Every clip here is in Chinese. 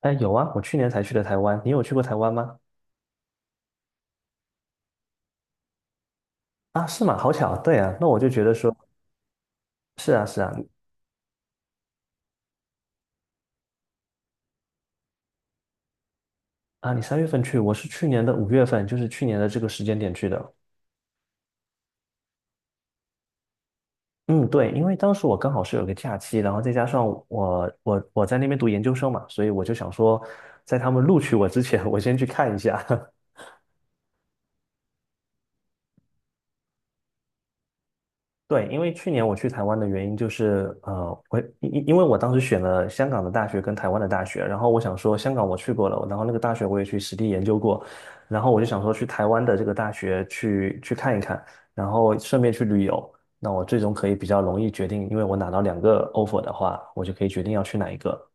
哎，有啊，我去年才去的台湾，你有去过台湾吗？啊，是吗？好巧，对啊，那我就觉得说，是啊，是啊，啊，你3月份去，我是去年的5月份，就是去年的这个时间点去的。嗯，对，因为当时我刚好是有个假期，然后再加上我在那边读研究生嘛，所以我就想说，在他们录取我之前，我先去看一下。对，因为去年我去台湾的原因就是，我因为我当时选了香港的大学跟台湾的大学，然后我想说香港我去过了，然后那个大学我也去实地研究过，然后我就想说去台湾的这个大学去看一看，然后顺便去旅游，那我最终可以比较容易决定，因为我拿到两个 offer 的话，我就可以决定要去哪一个。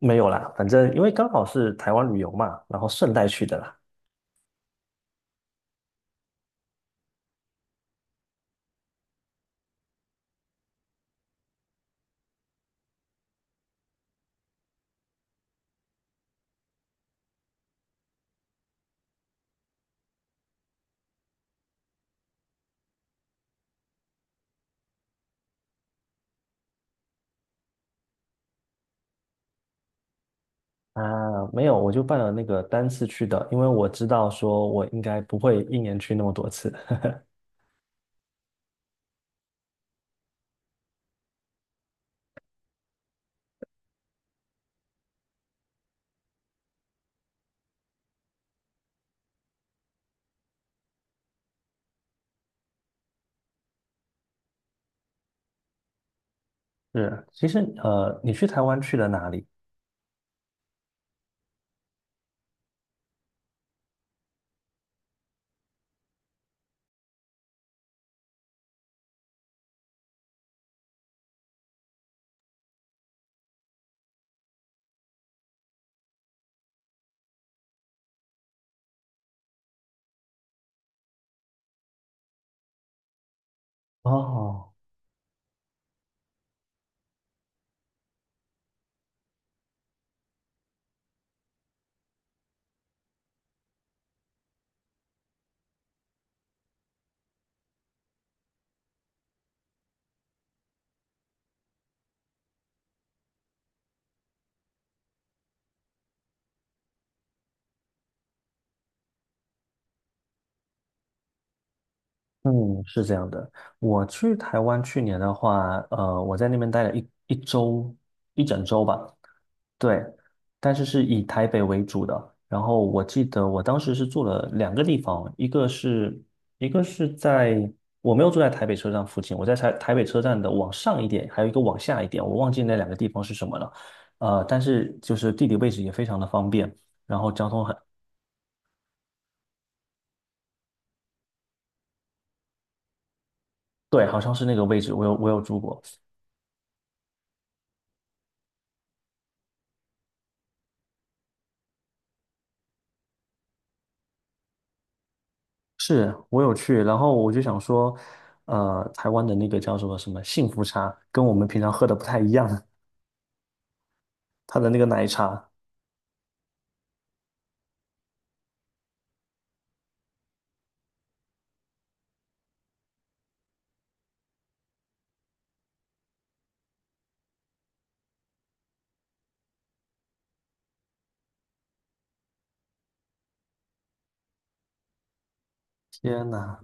没有啦，反正因为刚好是台湾旅游嘛，然后顺带去的啦。啊，没有，我就办了那个单次去的，因为我知道说我应该不会一年去那么多次。是，其实你去台湾去了哪里？哦，嗯，是这样的。我去台湾去年的话，我在那边待了一周，一整周吧。对，但是是以台北为主的。然后我记得我当时是住了两个地方，一个是在，我没有住在台北车站附近，我在台北车站的往上一点，还有一个往下一点，我忘记那两个地方是什么了。但是就是地理位置也非常的方便，然后交通很，对，好像是那个位置，我有住过，是我有去，然后我就想说，台湾的那个叫什么什么幸福茶，跟我们平常喝的不太一样，它的那个奶茶，天呐！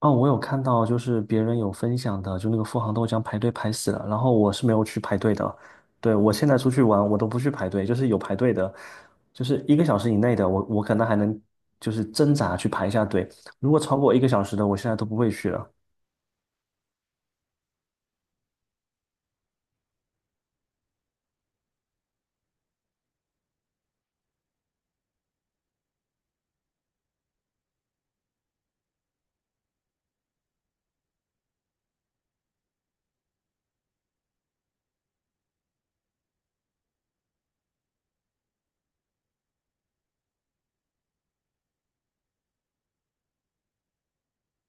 哦，我有看到，就是别人有分享的，就那个富航豆浆排队排死了，然后我是没有去排队的。对，我现在出去玩，我都不去排队，就是有排队的，就是一个小时以内的，我可能还能就是挣扎去排一下队。如果超过一个小时的，我现在都不会去了。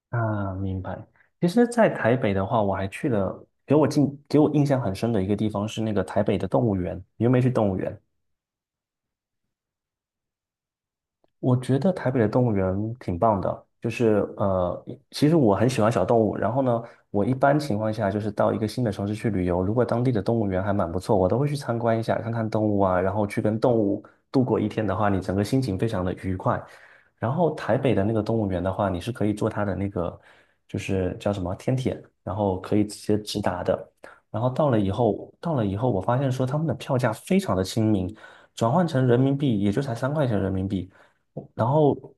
啊，明白。其实，在台北的话，我还去了，给我印象很深的一个地方是那个台北的动物园。你有没有去动物园？我觉得台北的动物园挺棒的，就是其实我很喜欢小动物。然后呢，我一般情况下就是到一个新的城市去旅游，如果当地的动物园还蛮不错，我都会去参观一下，看看动物啊，然后去跟动物度过一天的话，你整个心情非常的愉快。然后台北的那个动物园的话，你是可以坐它的那个就是叫什么天铁，然后可以直接直达的。然后到了以后，我发现说他们的票价非常的亲民，转换成人民币也就才3块钱人民币。然后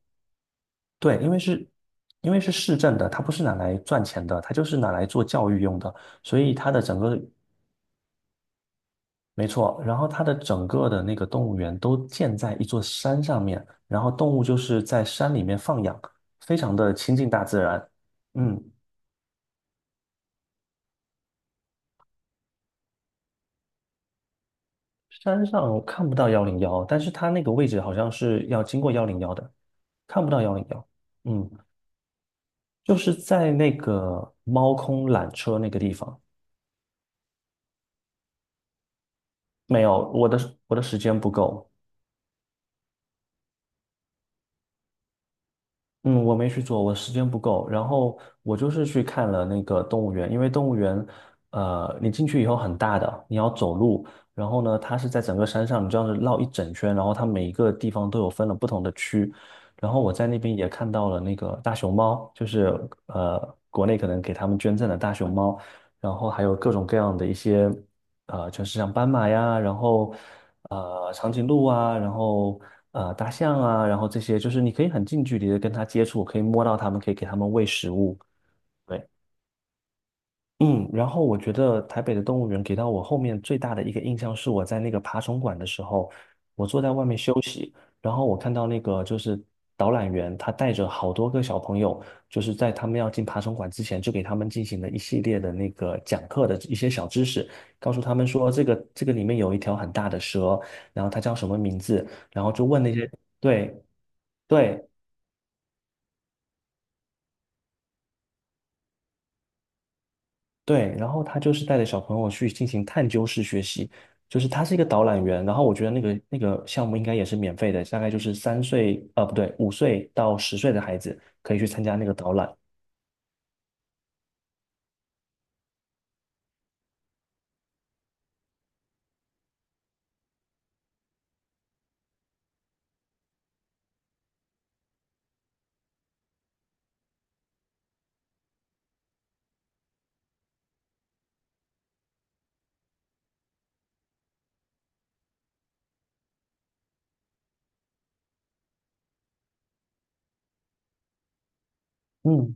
对，因为是市政的，它不是拿来赚钱的，它就是拿来做教育用的，所以它的整个，没错，然后它的整个的那个动物园都建在一座山上面，然后动物就是在山里面放养，非常的亲近大自然。嗯，山上我看不到幺零幺，但是它那个位置好像是要经过幺零幺的，看不到幺零幺。嗯，就是在那个猫空缆车那个地方。没有，我的时间不够。嗯，我没去做，我时间不够。然后我就是去看了那个动物园，因为动物园，你进去以后很大的，你要走路。然后呢，它是在整个山上，你这样子绕一整圈，然后它每一个地方都有分了不同的区。然后我在那边也看到了那个大熊猫，就是呃，国内可能给他们捐赠的大熊猫，然后还有各种各样的一些。城是像斑马呀，然后长颈鹿啊，然后大象啊，然后这些就是你可以很近距离的跟它接触，可以摸到它们，可以给它们喂食物。对，嗯，然后我觉得台北的动物园给到我后面最大的一个印象是我在那个爬虫馆的时候。然后我看到那个就是导览员，他带着好多个小朋友，就是在他们要进爬虫馆之前，就给他们进行了一系列的那个讲课的一些小知识，告诉他们说这个里面有一条很大的蛇，然后它叫什么名字，然后就问那些对对对，然后他就是带着小朋友去进行探究式学习，就是他是一个导览员，然后我觉得那个项目应该也是免费的，大概就是3岁不对5岁到10岁的孩子可以去参加那个导览。嗯。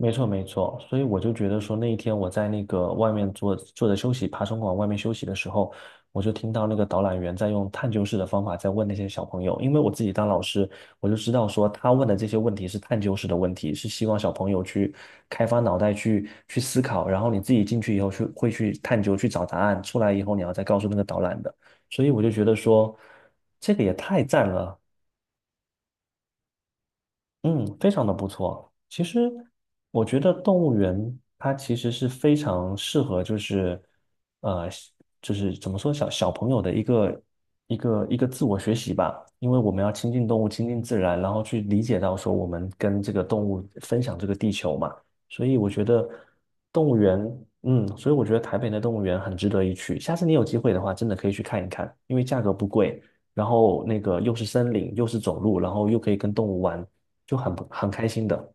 没错，没错，所以我就觉得说，那一天我在那个外面坐着休息，爬虫馆外面休息的时候，我就听到那个导览员在用探究式的方法在问那些小朋友，因为我自己当老师，我就知道说他问的这些问题是探究式的问题，是希望小朋友去开发脑袋去思考，然后你自己进去以后去会去探究去找答案，出来以后你要再告诉那个导览的，所以我就觉得说，这个也太赞了。嗯，非常的不错。其实我觉得动物园它其实是非常适合，就是呃，就是怎么说小朋友的一个自我学习吧。因为我们要亲近动物，亲近自然，然后去理解到说我们跟这个动物分享这个地球嘛。所以我觉得动物园，嗯，所以我觉得台北的动物园很值得一去。下次你有机会的话，真的可以去看一看，因为价格不贵。然后那个又是森林，又是走路，然后又可以跟动物玩，就很不很开心的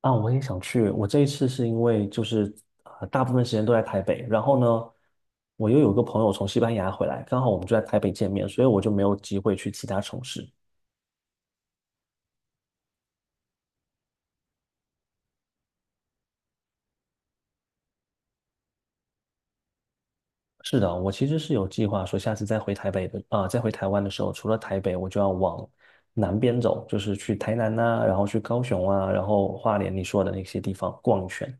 啊！我也想去。我这一次是因为就是大部分时间都在台北，然后呢，我又有个朋友从西班牙回来，刚好我们就在台北见面，所以我就没有机会去其他城市。是的，我其实是有计划说，下次再回台北的啊、再回台湾的时候，除了台北，我就要往南边走，就是去台南呐、然后去高雄啊，然后花莲你说的那些地方逛一圈。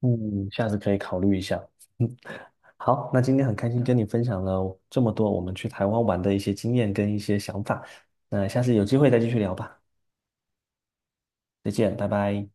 嗯，下次可以考虑一下。好，那今天很开心跟你分享了这么多我们去台湾玩的一些经验跟一些想法，那下次有机会再继续聊吧，再见，拜拜。